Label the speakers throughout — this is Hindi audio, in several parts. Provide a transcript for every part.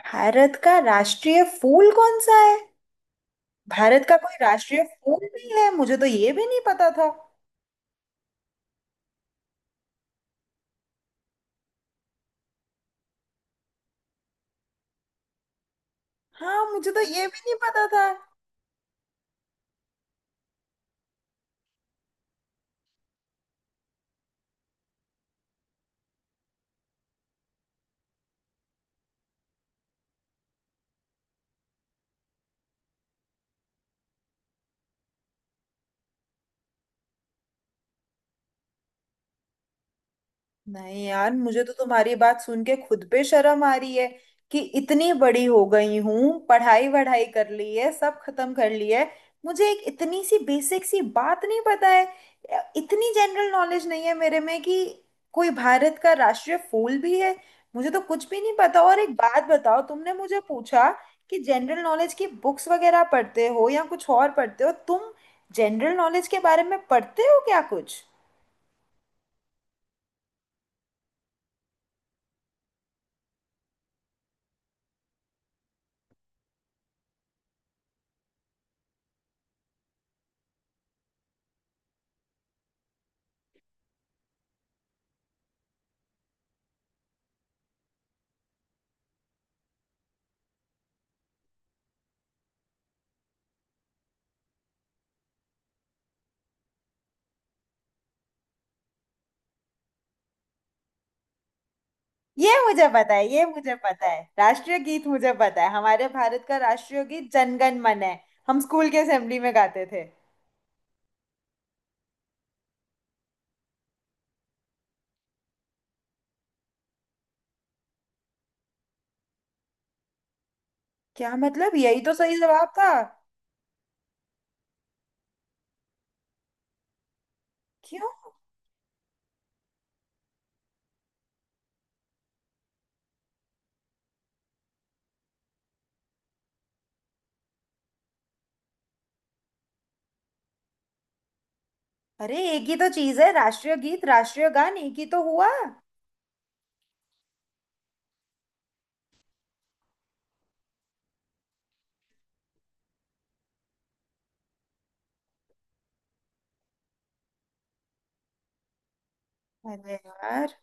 Speaker 1: भारत का राष्ट्रीय फूल कौन सा है? भारत का कोई राष्ट्रीय फूल भी है? मुझे तो ये भी नहीं पता था। हाँ, मुझे तो ये भी नहीं पता था। नहीं यार, मुझे तो तुम्हारी बात सुन के खुद पे शर्म आ रही है कि इतनी बड़ी हो गई हूं, पढ़ाई वढ़ाई कर ली है, सब खत्म कर ली है, मुझे एक इतनी सी बेसिक सी बात नहीं पता है। इतनी जनरल नॉलेज नहीं है मेरे में कि कोई भारत का राष्ट्रीय फूल भी है। मुझे तो कुछ भी नहीं पता। और एक बात बताओ, तुमने मुझे पूछा कि जनरल नॉलेज की बुक्स वगैरह पढ़ते हो या कुछ और पढ़ते हो तुम? जनरल नॉलेज के बारे में पढ़ते हो क्या कुछ? ये मुझे पता है, ये मुझे पता है, राष्ट्रीय गीत मुझे पता है। हमारे भारत का राष्ट्रीय गीत जनगण मन है। हम स्कूल के असेंबली में गाते थे। क्या मतलब? यही तो सही जवाब था। क्यों? अरे, एक ही तो चीज है, राष्ट्रीय गीत राष्ट्रीय गान एक ही तो हुआ। अरे यार।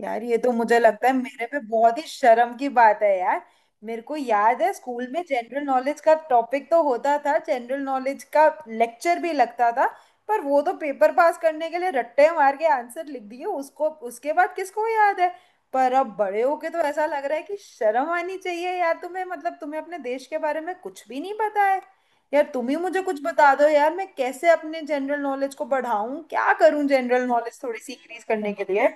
Speaker 1: यार, ये तो मुझे लगता है मेरे पे बहुत ही शर्म की बात है यार। मेरे को याद है, स्कूल में जनरल नॉलेज का टॉपिक तो होता था, जनरल नॉलेज का लेक्चर भी लगता था, पर वो तो पेपर पास करने के लिए रट्टे मार के आंसर लिख दिए उसको, उसके बाद किसको याद है? पर अब बड़े होके तो ऐसा लग रहा है कि शर्म आनी चाहिए यार तुम्हें, मतलब तुम्हें अपने देश के बारे में कुछ भी नहीं पता है। यार, तुम ही मुझे कुछ बता दो यार, मैं कैसे अपने जनरल नॉलेज को बढ़ाऊं? क्या करूं जनरल नॉलेज थोड़ी सी इंक्रीज करने के लिए?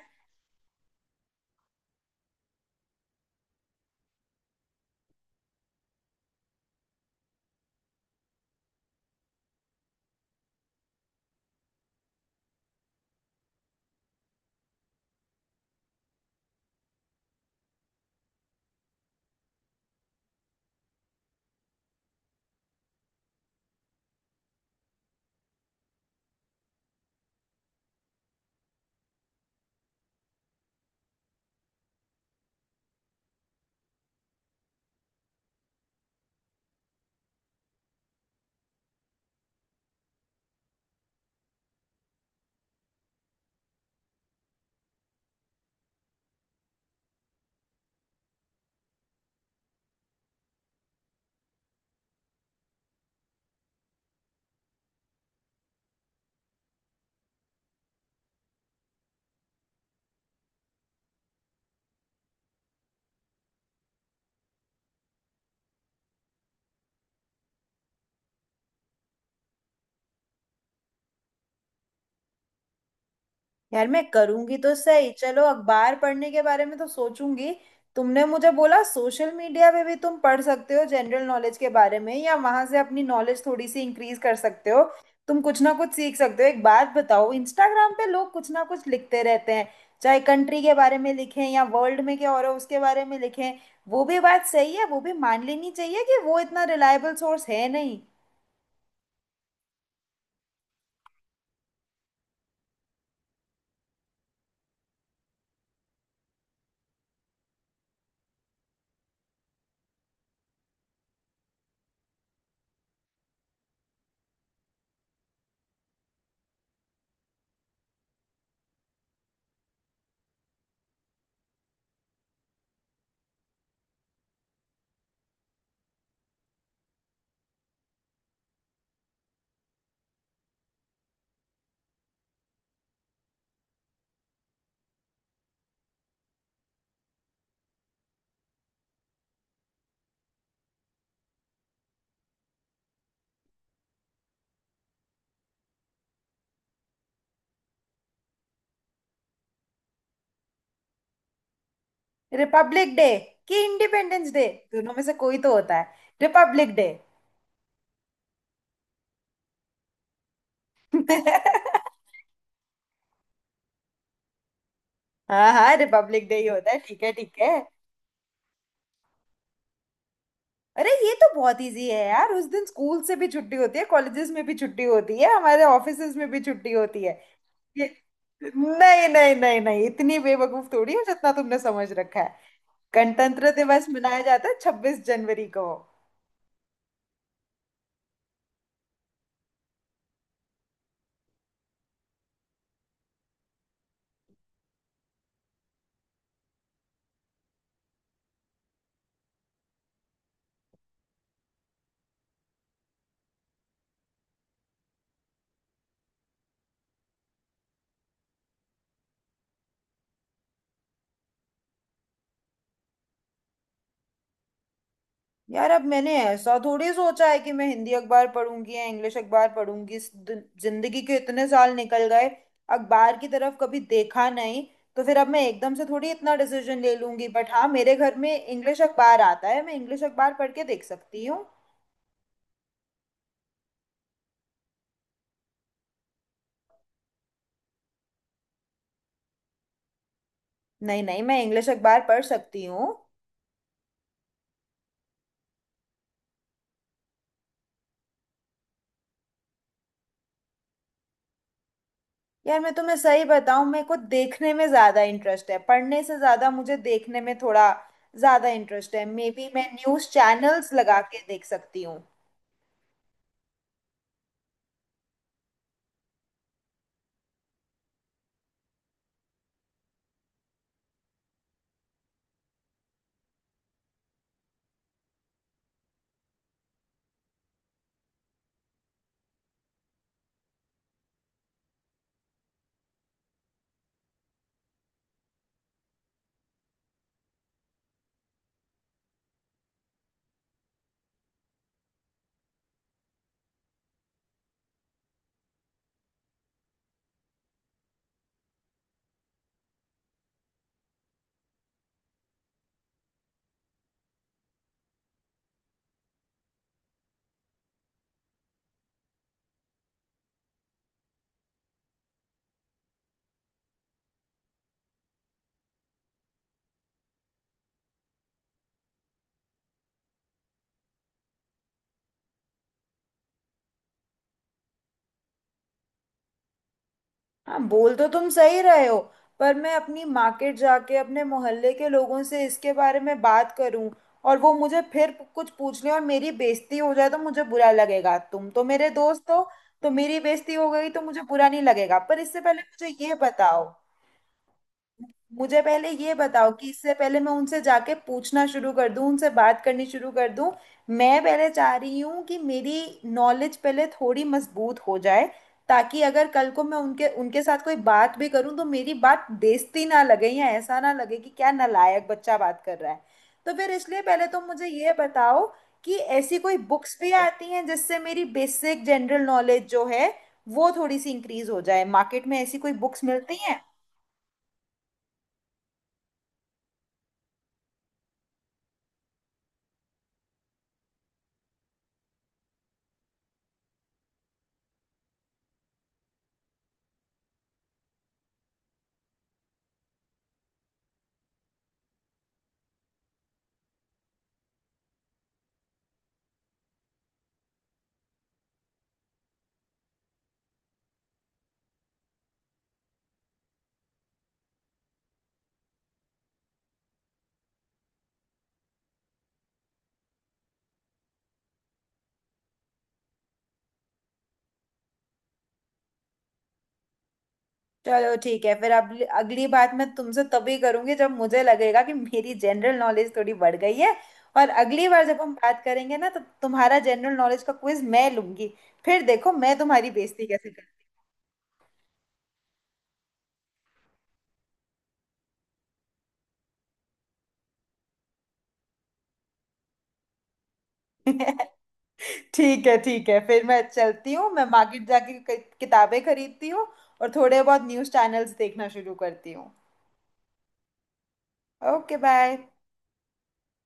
Speaker 1: यार मैं करूंगी तो सही, चलो अखबार पढ़ने के बारे में तो सोचूंगी। तुमने मुझे बोला सोशल मीडिया पे भी तुम पढ़ सकते हो जनरल नॉलेज के बारे में, या वहां से अपनी नॉलेज थोड़ी सी इंक्रीज कर सकते हो, तुम कुछ ना कुछ सीख सकते हो। एक बात बताओ, इंस्टाग्राम पे लोग कुछ ना कुछ लिखते रहते हैं, चाहे कंट्री के बारे में लिखें या वर्ल्ड में क्या हो रहा है उसके बारे में लिखें, वो भी बात सही है, वो भी मान लेनी चाहिए कि वो इतना रिलायबल सोर्स है नहीं। रिपब्लिक डे, कि इंडिपेंडेंस डे? दोनों में से कोई तो होता है। Republic day. हाँ हाँ, रिपब्लिक डे ही होता है। ठीक है, ठीक है। अरे ये तो बहुत इजी है यार, उस दिन स्कूल से भी छुट्टी होती है, कॉलेजेस में भी छुट्टी होती है, हमारे ऑफिसेज में भी छुट्टी होती है। ये, नहीं नहीं नहीं नहीं, इतनी बेवकूफ थोड़ी हो जितना तुमने समझ रखा है। गणतंत्र दिवस मनाया जाता है 26 जनवरी को। यार अब मैंने ऐसा थोड़ी सोचा है कि मैं हिंदी अखबार पढ़ूंगी या इंग्लिश अखबार पढ़ूंगी। जिंदगी के इतने साल निकल गए, अखबार की तरफ कभी देखा नहीं, तो फिर अब मैं एकदम से थोड़ी इतना डिसीजन ले लूंगी। बट हाँ, मेरे घर में इंग्लिश अखबार आता है, मैं इंग्लिश अखबार पढ़ के देख सकती हूँ। नहीं नहीं, मैं इंग्लिश अखबार पढ़ सकती हूँ। यार मैं तुम्हें सही बताऊँ, मेरे को देखने में ज़्यादा इंटरेस्ट है, पढ़ने से ज़्यादा मुझे देखने में थोड़ा ज़्यादा इंटरेस्ट है। मे बी मैं न्यूज़ चैनल्स लगा के देख सकती हूँ। हाँ बोल तो तुम सही रहे हो, पर मैं अपनी मार्केट जाके अपने मोहल्ले के लोगों से इसके बारे में बात करूं, और वो मुझे फिर कुछ पूछ लें और मेरी बेइज्जती हो जाए तो मुझे बुरा लगेगा। तुम तो मेरे दोस्त हो, तो मेरी बेइज्जती हो गई तो मुझे बुरा नहीं लगेगा। पर इससे पहले मुझे ये बताओ, मुझे पहले ये बताओ कि इससे पहले मैं उनसे जाके पूछना शुरू कर दूं, उनसे बात करनी शुरू कर दूं, मैं पहले चाह रही हूँ कि मेरी नॉलेज पहले थोड़ी मजबूत हो जाए, ताकि अगर कल को मैं उनके उनके साथ कोई बात भी करूँ तो मेरी बात बेइज्जती ना लगे, या ऐसा ना लगे कि क्या नालायक बच्चा बात कर रहा है। तो फिर इसलिए पहले तुम मुझे ये बताओ कि ऐसी कोई बुक्स भी आती हैं जिससे मेरी बेसिक जनरल नॉलेज जो है वो थोड़ी सी इंक्रीज हो जाए? मार्केट में ऐसी कोई बुक्स मिलती हैं? चलो ठीक है, फिर अगली अगली बात मैं तुमसे तभी करूंगी जब मुझे लगेगा कि मेरी जनरल नॉलेज थोड़ी बढ़ गई है। और अगली बार जब हम बात करेंगे ना, तो तुम्हारा जनरल नॉलेज का क्विज मैं लूंगी, फिर देखो मैं तुम्हारी बेइज्जती कैसे करती हूँ। ठीक है, ठीक है, फिर मैं चलती हूँ, मैं मार्केट जाके किताबें खरीदती हूँ, और थोड़े बहुत न्यूज़ चैनल्स देखना शुरू करती हूँ। Okay bye.